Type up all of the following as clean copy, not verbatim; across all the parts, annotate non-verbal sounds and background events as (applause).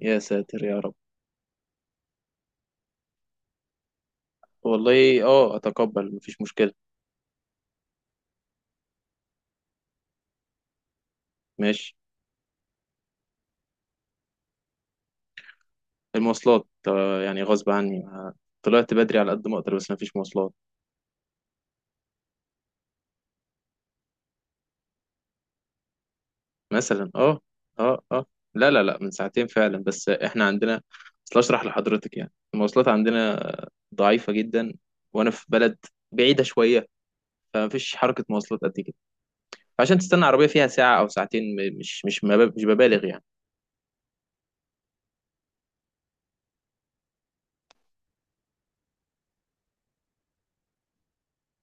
يا ساتر يا رب. والله اه، اتقبل، مفيش مشكلة. ماشي. المواصلات يعني غصب عني، طلعت بدري على قد ما اقدر بس مفيش مواصلات. مثلا، اه. اه، اه. لا، لا، لا، من ساعتين فعلا، بس احنا عندنا. اصل اشرح لحضرتك، يعني المواصلات عندنا ضعيفة جدا، وانا في بلد بعيدة شوية، فمفيش حركة مواصلات قد كده، عشان تستنى عربية فيها ساعة او ساعتين. مش ببالغ يعني.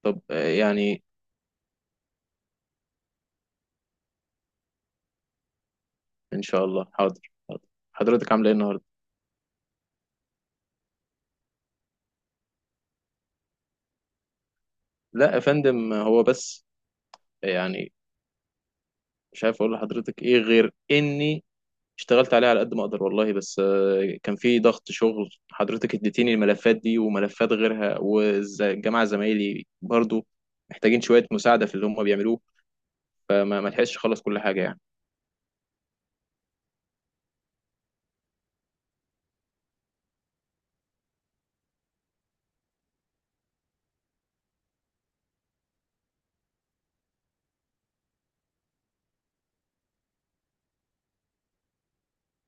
طب يعني. ان شاء الله، حاضر. حاضر. حضرتك عاملة ايه النهاردة؟ لا يا فندم، هو بس يعني مش عارف اقول لحضرتك ايه غير اني اشتغلت عليه على قد ما اقدر والله، بس كان في ضغط شغل، حضرتك اديتيني الملفات دي وملفات غيرها، والجماعه زمايلي برضو محتاجين شويه مساعده في اللي هم بيعملوه، فما ما لحقتش اخلص كل حاجه يعني.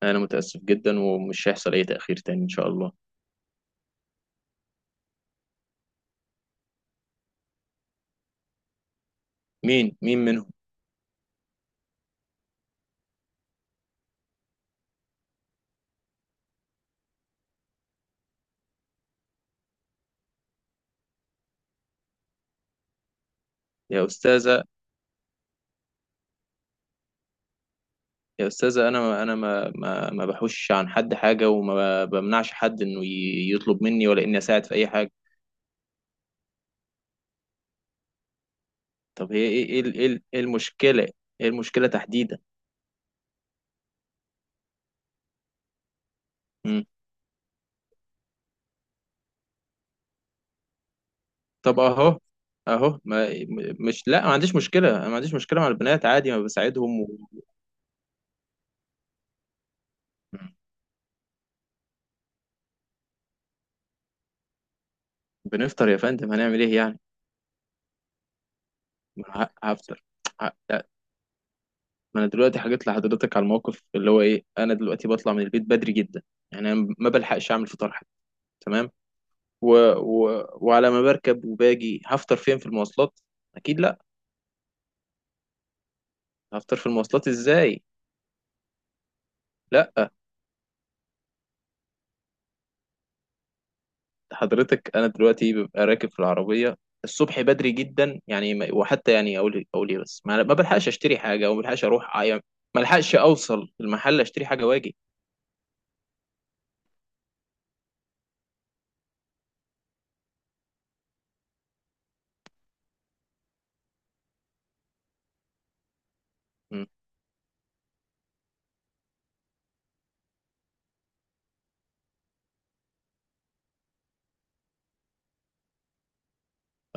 انا متاسف جدا ومش هيحصل اي تاخير تاني ان شاء الله. مين منهم؟ يا استاذه، يا استاذه، انا ما بحوش عن حد حاجه، وما بمنعش حد انه يطلب مني، ولا اني اساعد في اي حاجه. طب هي إيه المشكلة؟ ايه المشكلة تحديدا؟ مم. طب اهو، ما م- مش لا، ما عنديش مشكلة، أنا ما عنديش مشكلة مع البنات عادي، ما بساعدهم و... مم. وبنفطر يا فندم، هنعمل ايه يعني؟ ما هفطر. لا، ما انا دلوقتي حكيت لحضرتك على الموقف اللي هو ايه، انا دلوقتي بطلع من البيت بدري جدا، يعني أنا ما بلحقش اعمل فطار حتى. تمام. و... و... وعلى ما بركب وباجي هفطر فين، في المواصلات؟ اكيد لا. هفطر في المواصلات ازاي؟ لا. حضرتك انا دلوقتي ببقى راكب في العربيه الصبح بدري جدا، يعني وحتى يعني اقول ايه، بس ما بلحقش اشتري حاجه، او ما بلحقش اروح ما بلحقش اوصل المحل اشتري حاجه واجي. مم.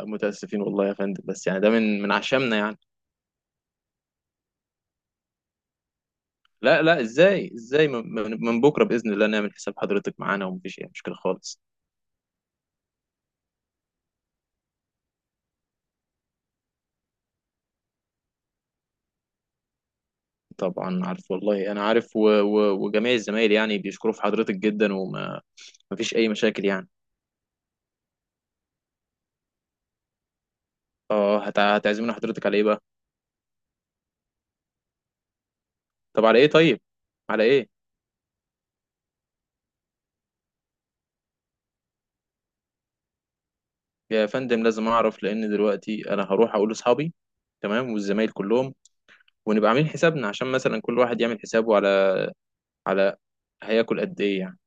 متاسفين والله يا فندم، بس يعني ده من عشمنا يعني. لا لا، ازاي، ازاي، من بكره باذن الله نعمل حساب حضرتك معانا، ومفيش اي مشكله خالص. طبعا عارف والله، انا عارف، و و وجميع الزمايل يعني بيشكروا في حضرتك جدا، وما مفيش اي مشاكل يعني. اه، هتعزمنا حضرتك على ايه بقى؟ طب على ايه؟ طيب على ايه؟ يا فندم لازم اعرف، لان دلوقتي انا هروح اقول لاصحابي، تمام، والزمايل كلهم، ونبقى عاملين حسابنا عشان مثلا كل واحد يعمل حسابه على على هياكل قد ايه يعني.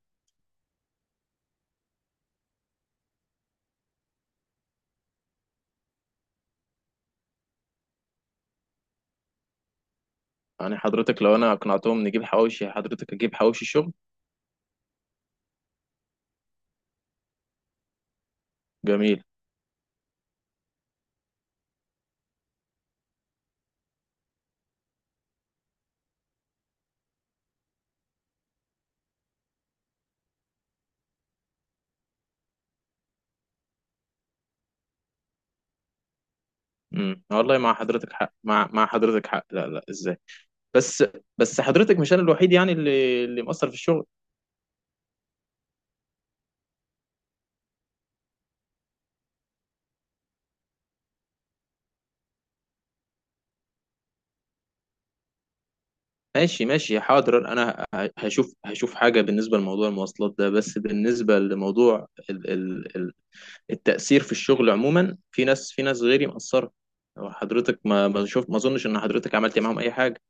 يعني حضرتك لو انا اقنعتهم نجيب حواوشي، حضرتك اجيب حواوشي شغل. جميل. والله مع حضرتك حق، مع حضرتك حق، لا لا ازاي. بس بس حضرتك مش انا الوحيد يعني اللي مقصر في الشغل. ماشي، ماشي، حاضر. انا هشوف حاجه بالنسبه لموضوع المواصلات ده، بس بالنسبه لموضوع التأثير في الشغل عموما، في ناس غيري مقصرة. هو حضرتك ما ما شوف، ما اظنش ان حضرتك عملت معاهم اي حاجة.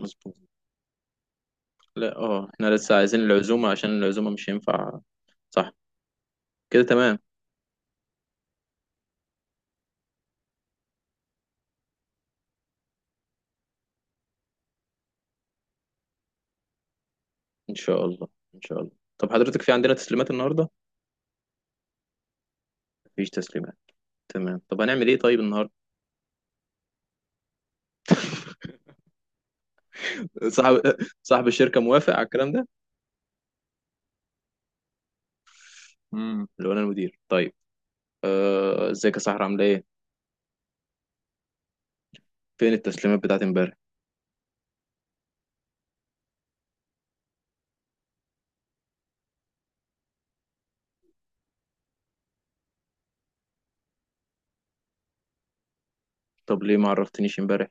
مظبوط. لا، اه، احنا لسه عايزين العزومة، عشان العزومة مش هينفع. صح. كده تمام. ان شاء الله. ان شاء الله. طب حضرتك في عندنا تسليمات النهاردة؟ مفيش تسليمات. تمام، طب هنعمل ايه طيب النهاردة؟ صاحب (laughs) صاحب الشركة موافق على الكلام ده؟ اللي هو انا المدير؟ طيب. ازيك يا صاحبي، عامله ايه؟ فين التسليمات بتاعت امبارح؟ طب ليه ما عرفتنيش امبارح؟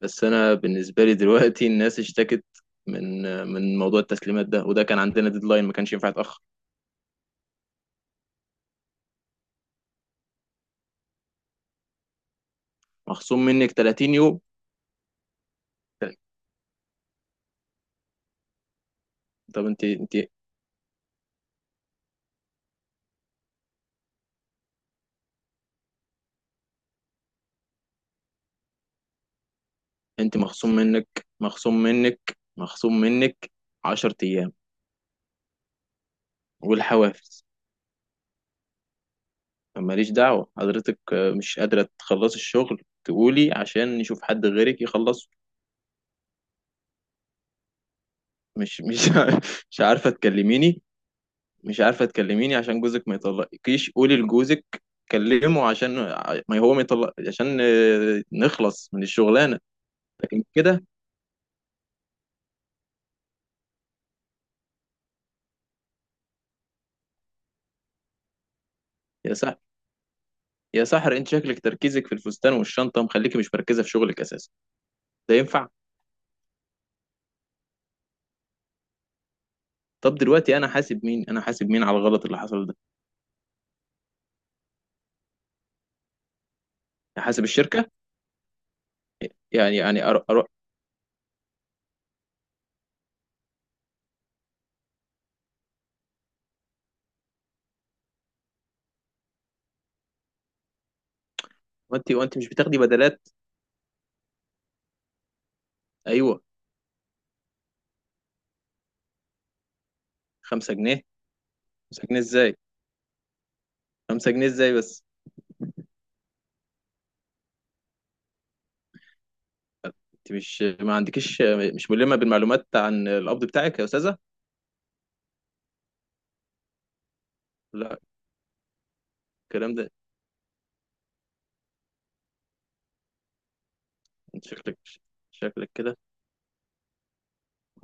بس انا بالنسبه لي دلوقتي الناس اشتكت من من موضوع التسليمات ده، وده كان عندنا ديدلاين، ما كانش ينفع يتاخر. مخصوم منك 30 يوم. طب انت انت مخصوم منك، مخصوم منك، مخصوم منك 10 ايام والحوافز. ماليش دعوه، حضرتك مش قادره تخلصي الشغل، تقولي عشان نشوف حد غيرك يخلصه. مش مش (laughs) مش عارفه تكلميني، مش عارفة تكلميني عشان جوزك ما يطلقكيش، قولي لجوزك كلمه عشان ما هو ما يطلق، عشان نخلص من الشغلانة. لكن كده. يا سحر، يا سحر، انت شكلك تركيزك في الفستان والشنطة مخليكي مش مركزة في شغلك اساسا. ده ينفع؟ طب دلوقتي انا حاسب مين، انا حاسب مين على الغلط اللي حصل ده؟ يعني حاسب الشركة. يعني أرو... أرو... وانت مش بتاخدي بدلات؟ ايوه. 5 جنيه؟ 5 جنيه ازاي؟ 5 جنيه ازاي بس؟ انت مش ما عندكيش مش ملمة بالمعلومات عن القبض بتاعك يا استاذة. لا، الكلام ده. انت شكلك كده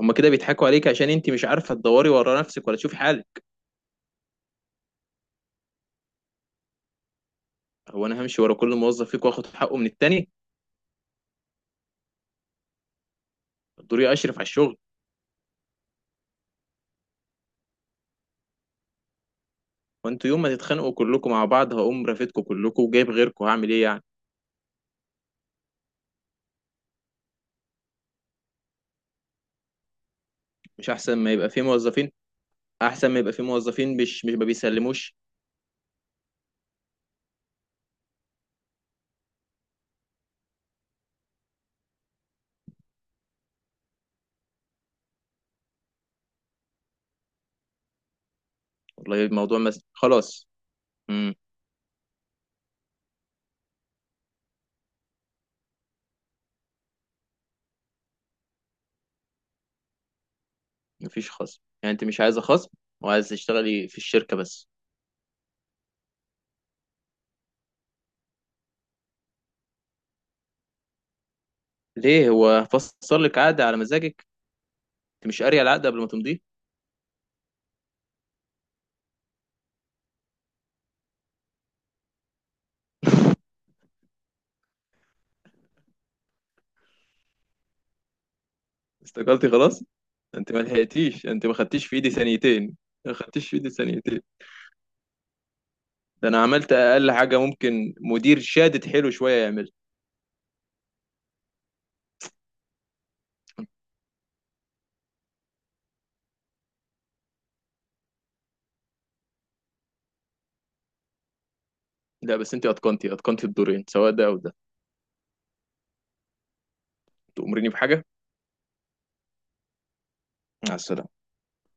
هما كده بيضحكوا عليك، عشان انت مش عارفه تدوري ورا نفسك ولا تشوفي حالك. هو انا همشي ورا كل موظف فيكم واخد حقه من التاني؟ دوري اشرف على الشغل. وانتوا يوم ما تتخانقوا كلكم مع بعض هقوم رافدكم كلكم وجايب غيركم، هعمل ايه يعني؟ مش احسن ما يبقى في موظفين، احسن ما يبقى في موظفين مش ما بيسلموش. والله الموضوع مثلا خلاص. امم. مفيش خصم يعني؟ انت مش عايزه خصم وعايزه تشتغلي في الشركه بس؟ ليه، هو فصل لك عقد على مزاجك؟ انت مش قاريه العقد قبل ما تمضيه؟ استقالتي خلاص. انت ما لحقتيش، انت ما خدتيش في ايدي ثانيتين، ما خدتيش في ايدي ثانيتين. ده انا عملت اقل حاجه ممكن مدير شادد حلو شويه يعمل. لا بس انت اتقنتي الدورين، سواء ده او ده. تأمريني بحاجه. مع السلامه.